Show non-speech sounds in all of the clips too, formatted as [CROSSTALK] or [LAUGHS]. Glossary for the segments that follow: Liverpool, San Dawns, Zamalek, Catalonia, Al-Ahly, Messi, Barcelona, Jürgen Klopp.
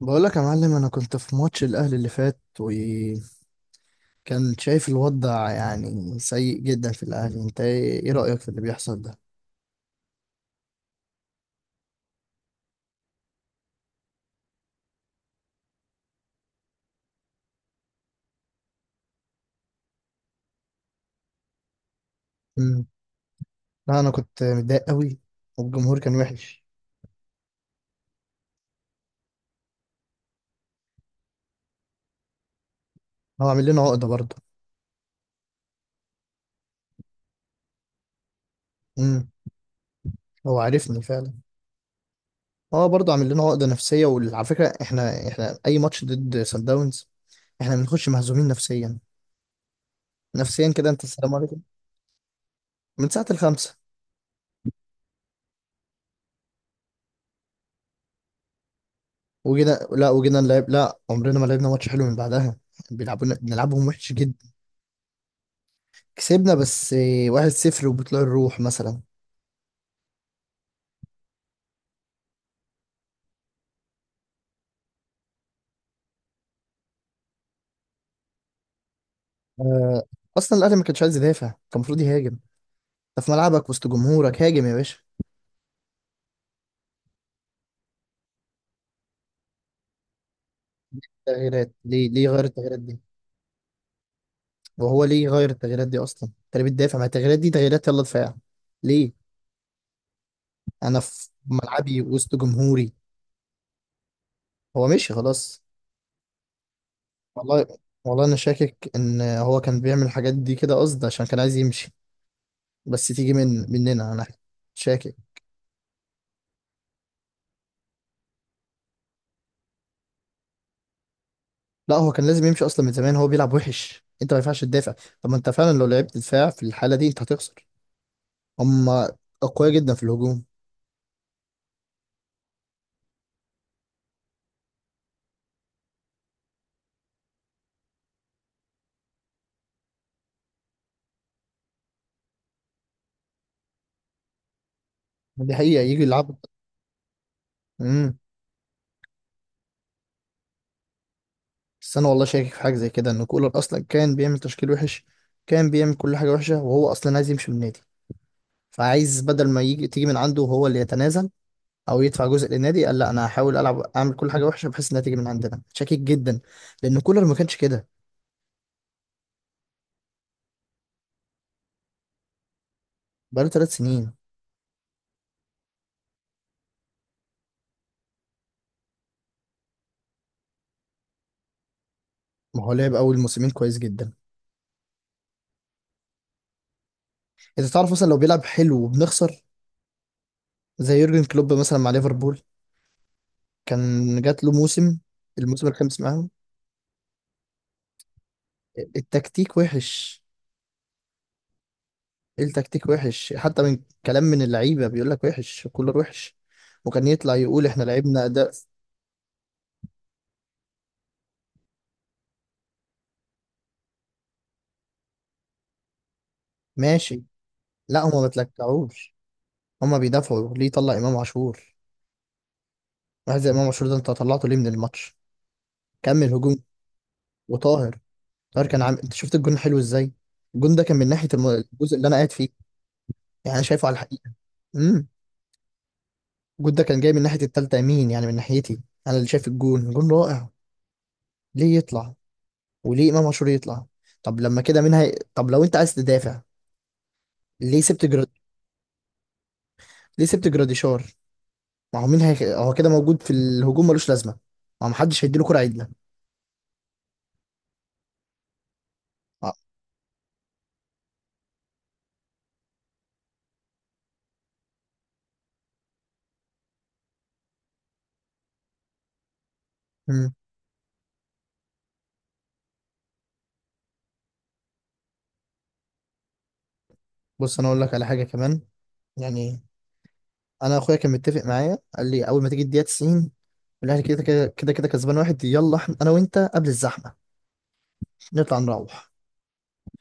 بقول لك يا معلم، انا كنت في ماتش الاهلي اللي فات وكان شايف الوضع يعني سيء جدا في الاهلي. انت ايه رايك في اللي بيحصل ده؟ امم لا انا كنت متضايق قوي. والجمهور كان وحش. هو عامل لنا عقده برضه. امم هو عارفني فعلا. هو برضه عامل لنا عقده نفسيه. وعلى فكره احنا اي ماتش ضد سان داونز احنا بنخش مهزومين نفسيا، نفسيا كده. انت السلام عليكم من ساعه الخمسه. وجينا، لا نلعب، لا عمرنا ما لعبنا ماتش حلو من بعدها. بيلعبونا بنلعبهم وحش. كسبنا بس واحد صفر وبطلوع الروح مثلا. آه، اصلا الاهلي ما كانش عايز يدافع، كان المفروض يهاجم. انت في ملعبك وسط جمهورك، هاجم يا باشا. تغييرات؟ ليه؟ غير التغييرات دي. وهو ليه غير التغييرات دي اصلا؟ انت ليه بتدافع؟ ما التغييرات دي تغييرات يلا دفاع. ليه؟ انا في ملعبي وسط جمهوري. هو مشي خلاص. والله، والله انا شاكك ان هو كان بيعمل الحاجات دي كده قصد عشان كان عايز يمشي. بس تيجي من مننا انا. شاكك. لا هو كان لازم يمشي اصلا من زمان. هو بيلعب وحش. انت ما ينفعش تدافع. طب ما انت فعلا لو لعبت دفاع في الحاله دي انت هتخسر. هم اقوياء جدا في الهجوم. دي حقيقه يجي يلعبوا. امم بس انا والله شاكك في حاجه زي كده ان كولر اصلا كان بيعمل تشكيل وحش. كان بيعمل كل حاجه وحشه وهو اصلا عايز يمشي من النادي. فعايز، بدل ما يجي تيجي من عنده وهو اللي يتنازل او يدفع جزء للنادي، قال لا انا هحاول العب اعمل كل حاجه وحشه بحيث انها تيجي من عندنا. شاكك جدا، لان كولر ما كانش كده. بقاله ثلاث سنين. ما هو لعب اول موسمين كويس جدا. انت تعرف مثلا لو بيلعب حلو وبنخسر، زي يورجن كلوب مثلا مع ليفربول كان جات له موسم، الموسم الخامس معاهم. التكتيك وحش. التكتيك وحش، حتى من كلام من اللعيبه. بيقول لك وحش، كولر وحش. وكان يطلع يقول احنا لعبنا اداء. ماشي. لا هما ما بيتلكعوش، هما بيدافعوا. ليه طلع امام عاشور؟ واحد زي امام عاشور ده انت طلعته ليه من الماتش؟ كمل هجوم. وطاهر، طاهر كان عامل، انت شفت الجون حلو ازاي؟ الجون ده كان من ناحيه الجزء اللي انا قاعد فيه. يعني انا شايفه على الحقيقه. امم الجون ده كان جاي من ناحية التالتة يمين، يعني من ناحيتي. أنا اللي شايف الجون، جون رائع. ليه يطلع؟ وليه إمام عاشور يطلع؟ طب لما كده طب لو أنت عايز تدافع، ليه سبت جراد؟ ليه سبت جراديشار؟ ما هو هو كده موجود في الهجوم ملوش لازمة. ما هو محدش هيديله كرة عدلة. آه. مم. بص أنا أقول لك على حاجة كمان. يعني أنا أخويا كان متفق معايا، قال لي أول ما تيجي الدقيقة 90 الأهلي كده كده كده كده كسبان واحد، يلا أنا وأنت قبل الزحمة نطلع نروح.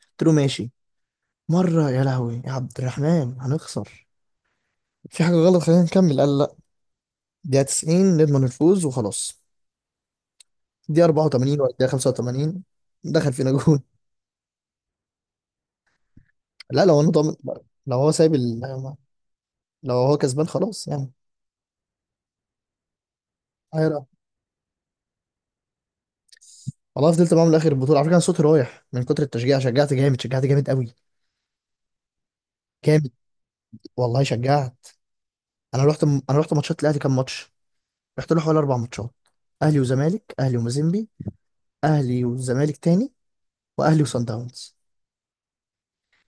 قلت له ماشي. مرة يا لهوي يا عبد الرحمن، هنخسر. في حاجة غلط خلينا نكمل. قال لا، دقيقة 90 نضمن الفوز وخلاص. دقيقة 84 ولا دقيقة 85 دخل فينا جون. لا لو انا ضامن، لو هو سايب لو هو كسبان خلاص يعني. حيرة. والله فضلت معاهم لاخر البطولة. على فكرة انا صوتي رايح من كتر التشجيع. شجعت جامد، شجعت جامد قوي. جامد. والله شجعت. انا رحت ماتشات الاهلي كام ماتش؟ رحت له حوالي اربع ماتشات: اهلي وزمالك، اهلي ومازيمبي، اهلي والزمالك تاني، واهلي وصن داونز.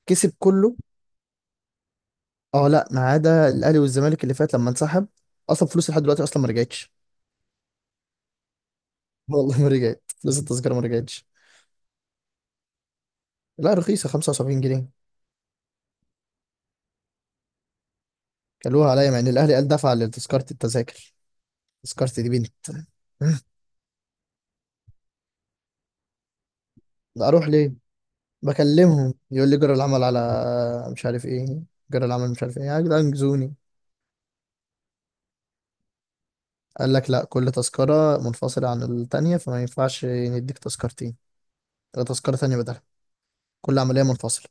كسب كله. اه لا، ما عدا الاهلي والزمالك اللي فات لما انسحب. اصلا فلوس لحد دلوقتي اصلا ما رجعتش. [LAUGHS] والله ما رجعت. فلوس التذكره ما رجعتش. لا رخيصه، 75 جنيه. كلوها عليا، مع ان الاهلي قال دفع لتذكره التذاكر. تذكرتي دي بنت. [LAUGHS] لا اروح ليه؟ بكلمهم يقول لي جرى العمل على، مش عارف ايه، جرى العمل مش عارف ايه. يا جدعان انجزوني. قال لك لا، كل تذكره منفصله عن التانيه، فما ينفعش نديك تذكرتين ولا تذكره تانيه بدلها. كل عمليه منفصله.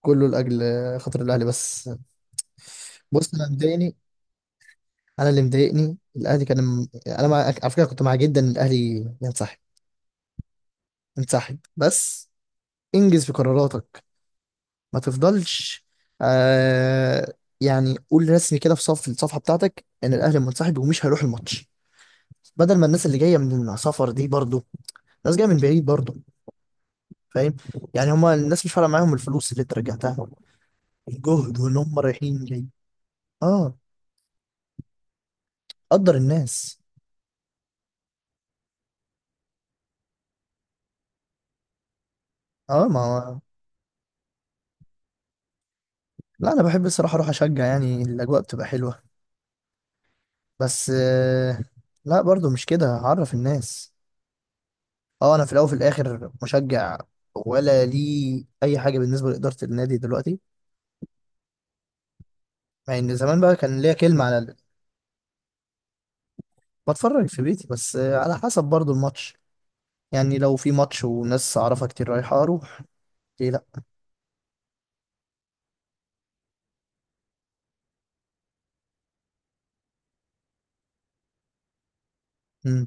كله لاجل خاطر الاهلي بس. بص انا مضايقني، انا اللي مضايقني الاهلي كان على فكره كنت مع جدا ان الاهلي ينسحب. ينسحب بس. انجز في قراراتك، ما تفضلش. آه... يعني قول رسمي كده في صف الصفحه بتاعتك ان الاهلي منسحب ومش هيروح الماتش، بدل ما الناس اللي جايه من السفر دي برضو، ناس جايه من بعيد برضو. فاهم؟ يعني هما الناس مش فارقه معاهم الفلوس اللي انت رجعتها، الجهد وان هم رايحين جاي. اه. قدر الناس. اه ما لا انا بحب الصراحه اروح اشجع، يعني الاجواء بتبقى حلوه. بس لا برضو مش كده. هعرف الناس. اه انا في الاول وفي الاخر مشجع، ولا لي اي حاجه بالنسبه لاداره النادي دلوقتي، مع ان زمان بقى كان ليا كلمه على بتفرج في بيتي، بس على حسب برضو الماتش. يعني لو في ماتش وناس اعرفها كتير رايحه اروح، ليه لا. مم.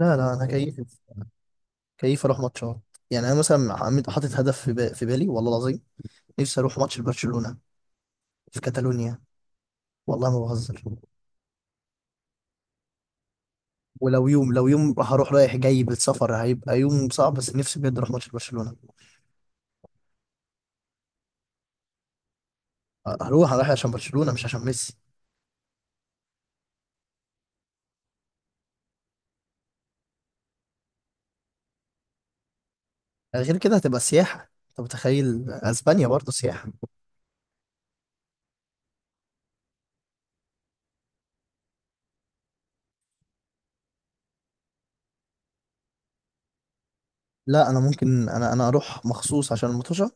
لا لا انا كيف كيف اروح ماتشات. يعني انا مثلا حاطط هدف في، في بالي والله العظيم. نفسي اروح ماتش لبرشلونه في كاتالونيا. والله ما بهزر. ولو يوم، لو يوم، هروح رايح جاي بالسفر. هيبقى يوم صعب، بس نفسي بجد اروح ماتش برشلونة. هروح، هروح عشان برشلونة مش عشان ميسي. غير كده هتبقى سياحة. انت متخيل اسبانيا برضه؟ سياحة. لا انا ممكن، انا اروح مخصوص عشان المطوشة.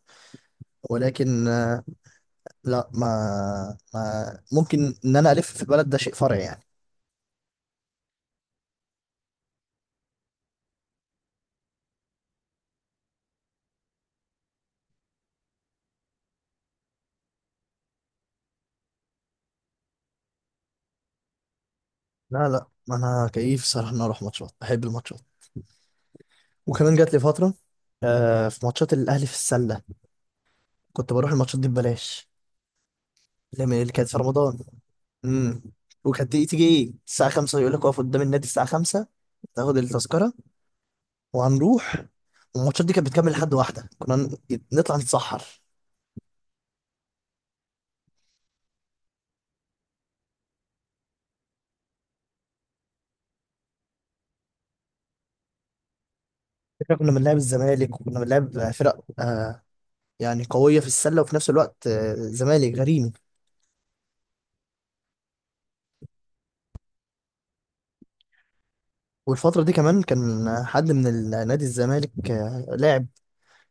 ولكن لا ما, ما ممكن ان انا الف في البلد، ده شيء فرعي يعني. لا لا انا كيف صراحة ان أنا اروح ماتشات. بحب الماتشات. وكمان جات لي فترة، في ماتشات الاهلي في السلة، كنت بروح الماتشات دي ببلاش، اللي هي اللي كانت في رمضان. امم وكانت تيجي الساعة 5 يقول لك اقف قدام النادي الساعة 5، تاخد التذكرة وهنروح. والماتشات دي كانت بتكمل لحد واحدة. كنا نطلع نتسحر. فكرة كنا بنلعب الزمالك وكنا بنلعب فرق يعني قوية في السلة، وفي نفس الوقت آه زمالك غريمي. والفترة دي كمان كان حد من نادي الزمالك، لاعب،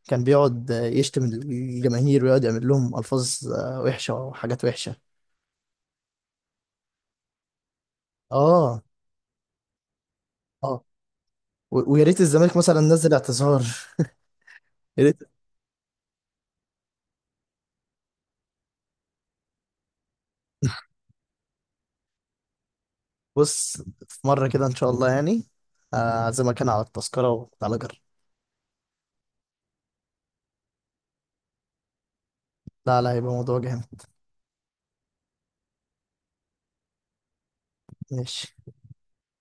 كان بيقعد يشتم الجماهير ويقعد يعمل لهم ألفاظ وحشة وحاجات وحشة. اه. اه. ويا ريت الزمالك مثلا نزل اعتذار. [LAUGHS] بص، في مرة كده إن شاء الله يعني، أعزمك أنا على التذكرة وتعالى جرب. لا لا هيبقى موضوع جامد. ماشي.